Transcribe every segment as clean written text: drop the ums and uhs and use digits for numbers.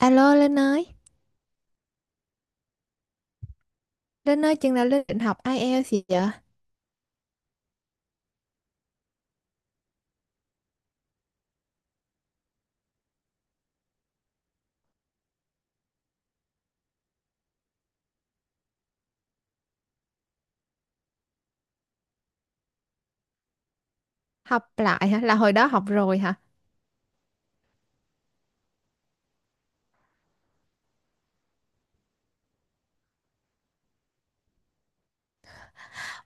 Alo Linh ơi chừng nào Linh định học IELTS gì vậy? Học lại hả? Là hồi đó học rồi hả?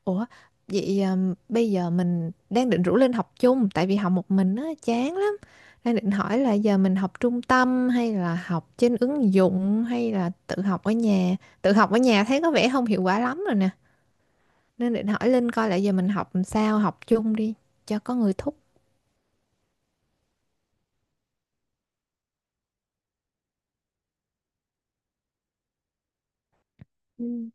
Ủa, vậy bây giờ mình đang định rủ Linh học chung tại vì học một mình á chán lắm. Đang định hỏi là giờ mình học trung tâm hay là học trên ứng dụng hay là tự học ở nhà. Tự học ở nhà thấy có vẻ không hiệu quả lắm rồi nè. Nên định hỏi Linh coi là giờ mình học làm sao, học chung đi cho có người thúc. Ừ.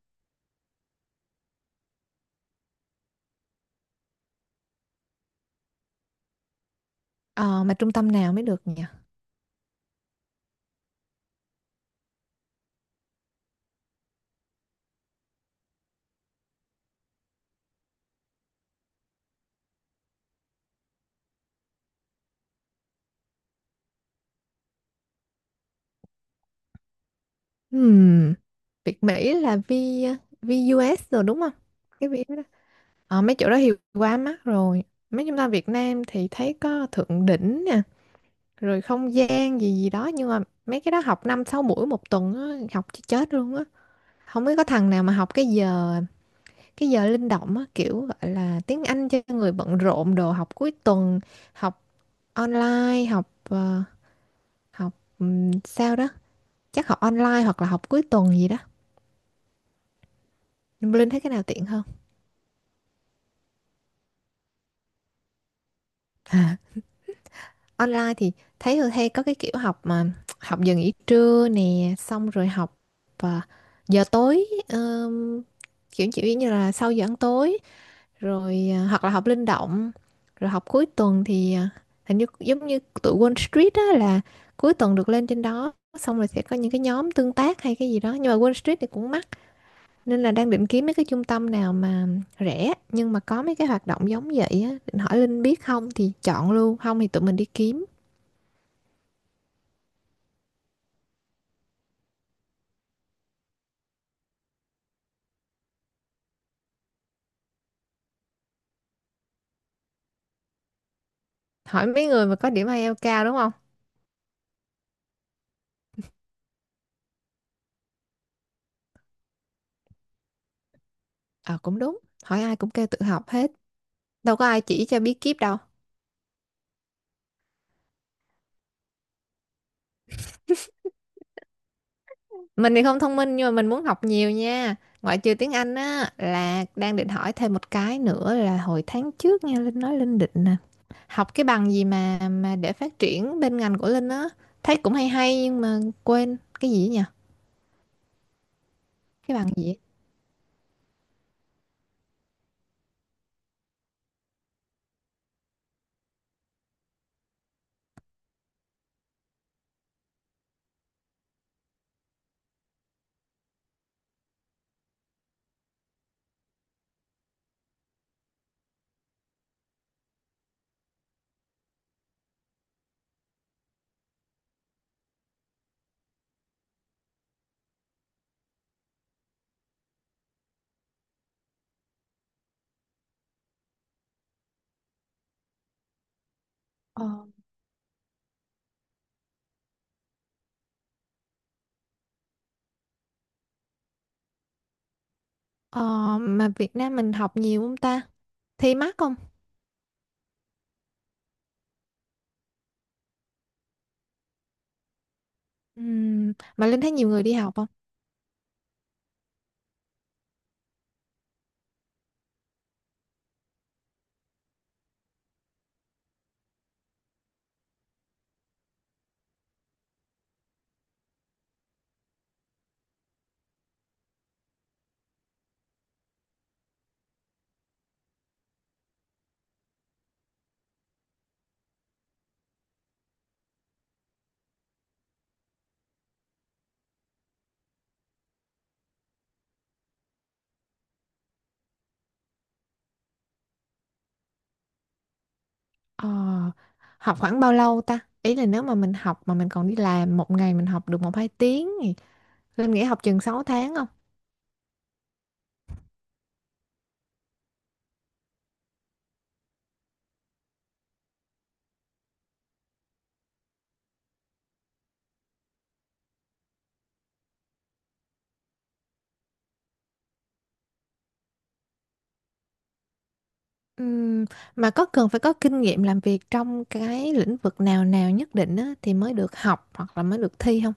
Ờ mà trung tâm nào mới được nhỉ? Hmm. Việt Mỹ là VUS rồi đúng không? Cái V đó. Ờ, mấy chỗ đó thì quá mắc rồi. Mấy chúng ta Việt Nam thì thấy có Thượng Đỉnh nè, rồi không gian gì gì đó nhưng mà mấy cái đó học 5 6 buổi một tuần á, học cho chết luôn á. Không biết có thằng nào mà học cái giờ linh động á, kiểu gọi là tiếng Anh cho người bận rộn đồ học cuối tuần, học online, học ờ, học sao đó, chắc học online hoặc là học cuối tuần gì đó. Linh thấy cái nào tiện hơn? Online thì thấy Hương hay có cái kiểu học mà học giờ nghỉ trưa nè xong rồi học à, giờ tối, kiểu kiểu như là sau giờ ăn tối rồi à, hoặc là học linh động rồi học cuối tuần thì à, hình như giống như tụi Wall Street á là cuối tuần được lên trên đó xong rồi sẽ có những cái nhóm tương tác hay cái gì đó nhưng mà Wall Street thì cũng mắc, nên là đang định kiếm mấy cái trung tâm nào mà rẻ nhưng mà có mấy cái hoạt động giống vậy á, định hỏi Linh biết không thì chọn luôn, không thì tụi mình đi kiếm, hỏi mấy người mà có điểm IELTS cao đúng không? Ờ cũng đúng, hỏi ai cũng kêu tự học hết, đâu có ai chỉ cho bí kíp đâu. Mình thì không thông minh nhưng mà mình muốn học nhiều nha. Ngoại trừ tiếng Anh á là đang định hỏi thêm một cái nữa, là hồi tháng trước nghe Linh nói Linh định nè. Học cái bằng gì mà để phát triển bên ngành của Linh á, thấy cũng hay hay nhưng mà quên cái gì ấy nhỉ? Cái bằng gì ấy? Ờ, ờ, mà Việt Nam mình học nhiều không ta? Thi mắc không? Mà Linh thấy nhiều người đi học không? Ờ, học khoảng bao lâu ta? Ý là nếu mà mình học mà mình còn đi làm, một ngày mình học được một hai tiếng thì Linh nghĩ học chừng 6 tháng không? Ừm, mà có cần phải có kinh nghiệm làm việc trong cái lĩnh vực nào nào nhất định á thì mới được học hoặc là mới được thi không?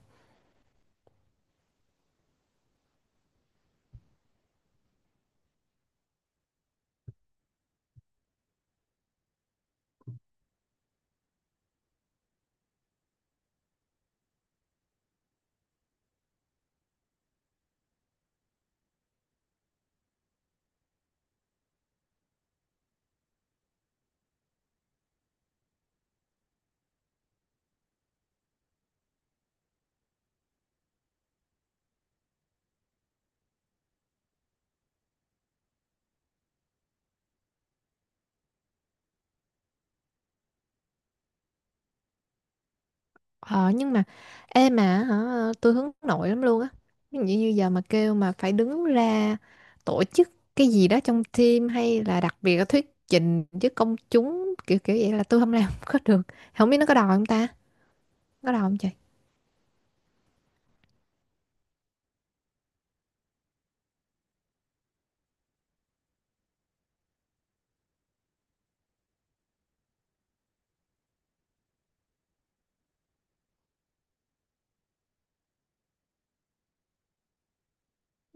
Ờ, nhưng mà ê mà hả, tôi hướng nội lắm luôn á. Ví dụ như giờ mà kêu mà phải đứng ra tổ chức cái gì đó trong team hay là đặc biệt là thuyết trình với công chúng kiểu kiểu vậy là tôi không làm có được. Không biết nó có đòi không ta? Có đau không chị?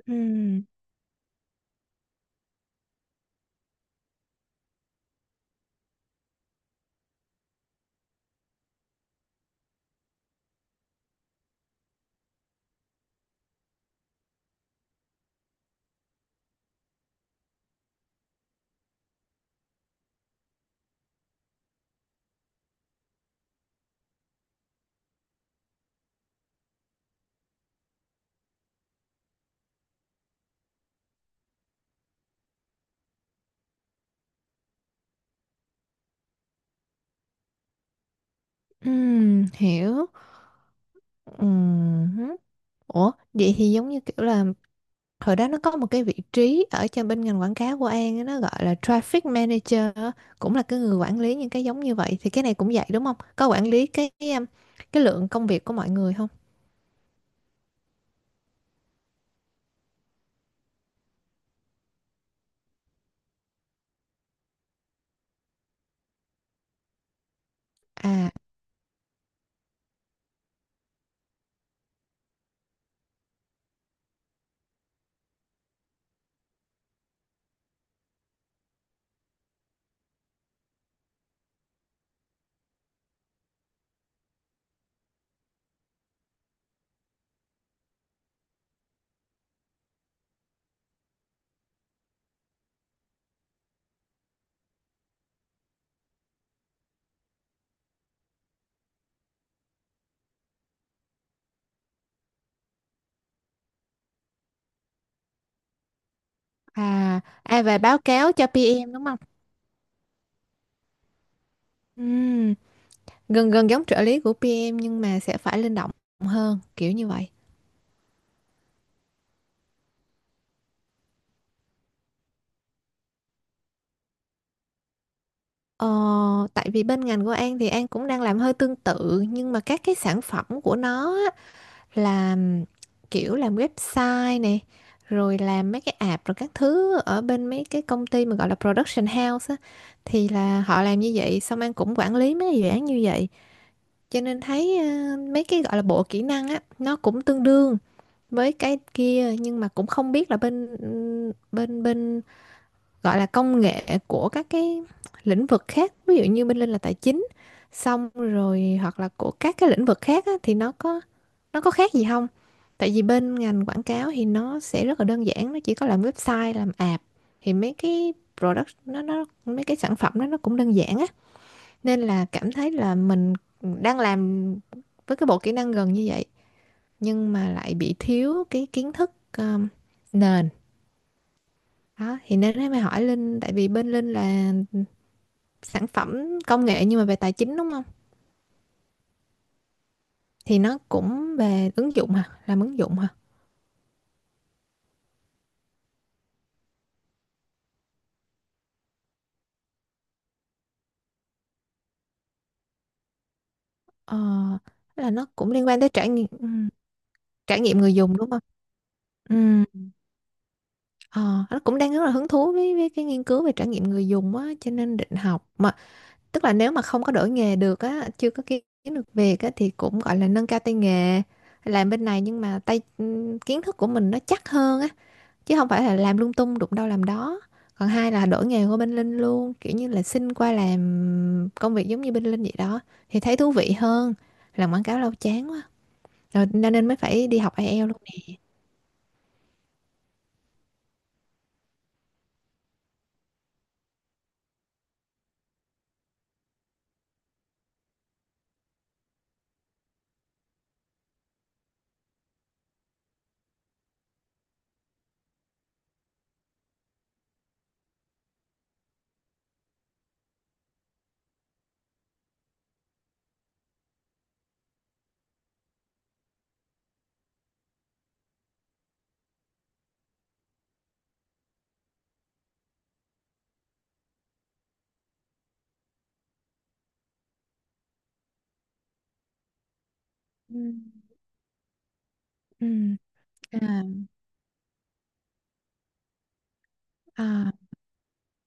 Ừm. Hiểu. Ừm. Ủa vậy thì giống như kiểu là hồi đó nó có một cái vị trí ở cho bên ngành quảng cáo của An á, nó gọi là traffic manager á, cũng là cái người quản lý những cái giống như vậy, thì cái này cũng vậy đúng không, có quản lý cái lượng công việc của mọi người không? À à à và báo cáo cho PM đúng không? Ừm, gần gần giống trợ lý của PM nhưng mà sẽ phải linh động hơn kiểu như vậy. Ờ, tại vì bên ngành của An thì An cũng đang làm hơi tương tự nhưng mà các cái sản phẩm của nó á, là kiểu làm website này rồi làm mấy cái app rồi các thứ ở bên mấy cái công ty mà gọi là production house á, thì là họ làm như vậy, xong An cũng quản lý mấy cái dự án như vậy, cho nên thấy mấy cái gọi là bộ kỹ năng á nó cũng tương đương với cái kia, nhưng mà cũng không biết là bên bên bên gọi là công nghệ của các cái lĩnh vực khác, ví dụ như bên Linh là tài chính, xong rồi hoặc là của các cái lĩnh vực khác á, thì nó có khác gì không, tại vì bên ngành quảng cáo thì nó sẽ rất là đơn giản, nó chỉ có làm website làm app, thì mấy cái product nó, mấy cái sản phẩm đó nó cũng đơn giản á, nên là cảm thấy là mình đang làm với cái bộ kỹ năng gần như vậy nhưng mà lại bị thiếu cái kiến thức um, nền đó, thì nên mới hỏi Linh, tại vì bên Linh là sản phẩm công nghệ nhưng mà về tài chính đúng không? Thì nó cũng về ứng dụng hả? Làm ứng dụng hả? Ờ, là nó cũng liên quan tới trải nghiệm người dùng đúng không? Ừm, ờ, nó cũng đang rất là hứng thú với, cái nghiên cứu về trải nghiệm người dùng á, cho nên định học, mà tức là nếu mà không có đổi nghề được á, chưa có kiếm được việc á thì cũng gọi là nâng cao tay nghề làm bên này nhưng mà tay kiến thức của mình nó chắc hơn á, chứ không phải là làm lung tung đụng đâu làm đó, còn hai là đổi nghề qua bên Linh luôn, kiểu như là xin qua làm công việc giống như bên Linh vậy đó, thì thấy thú vị hơn, làm quảng cáo lâu chán quá rồi nên nên mới phải đi học IELTS luôn nè. Ừ. Ừ. À, à,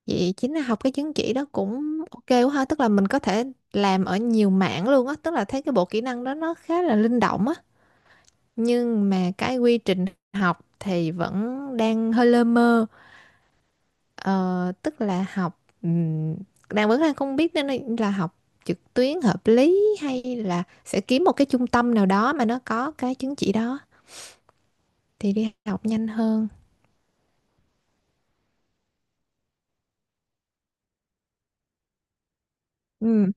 vậy chính là học cái chứng chỉ đó cũng ok quá ha, tức là mình có thể làm ở nhiều mảng luôn á, tức là thấy cái bộ kỹ năng đó nó khá là linh động á, nhưng mà cái quy trình học thì vẫn đang hơi lơ mơ. Ờ, tức là học vẫn đang không biết nên là học trực tuyến hợp lý hay là sẽ kiếm một cái trung tâm nào đó mà nó có cái chứng chỉ đó thì đi học nhanh hơn. Ừ.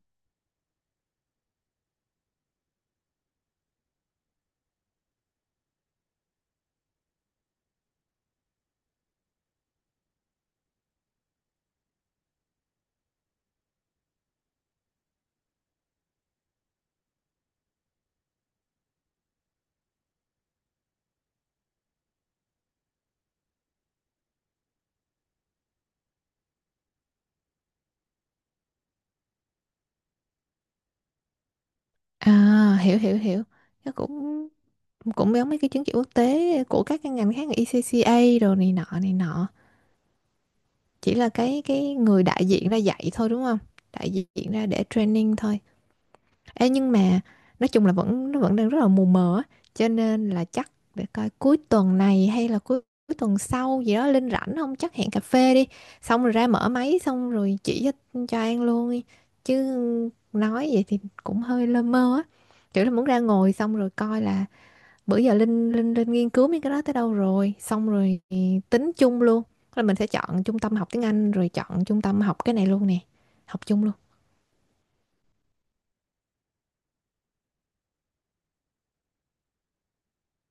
À, hiểu hiểu hiểu. Nó cũng cũng giống mấy cái chứng chỉ quốc tế của các cái ngành khác như ECCA đồ này nọ này nọ. Chỉ là cái người đại diện ra dạy thôi đúng không? Đại diện ra để training thôi. Ê, nhưng mà nói chung là nó vẫn đang rất là mù mờ á, cho nên là chắc để coi cuối tuần này hay là cuối tuần sau gì đó Linh rảnh không, chắc hẹn cà phê đi xong rồi ra mở máy xong rồi chỉ cho An luôn đi, chứ nói vậy thì cũng hơi lơ mơ á, kiểu là muốn ra ngồi xong rồi coi là bữa giờ Linh Linh Linh nghiên cứu mấy cái đó tới đâu rồi, xong rồi tính chung luôn là mình sẽ chọn trung tâm học tiếng Anh rồi chọn trung tâm học cái này luôn nè, học chung luôn.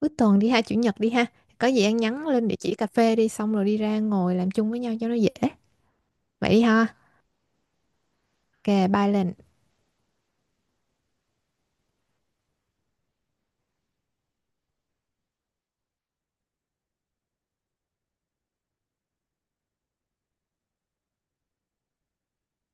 Cuối tuần đi ha, chủ nhật đi ha. Có gì ăn nhắn lên địa chỉ cà phê đi xong rồi đi ra ngồi làm chung với nhau cho nó dễ. Vậy đi ha. Ok, bye Linh.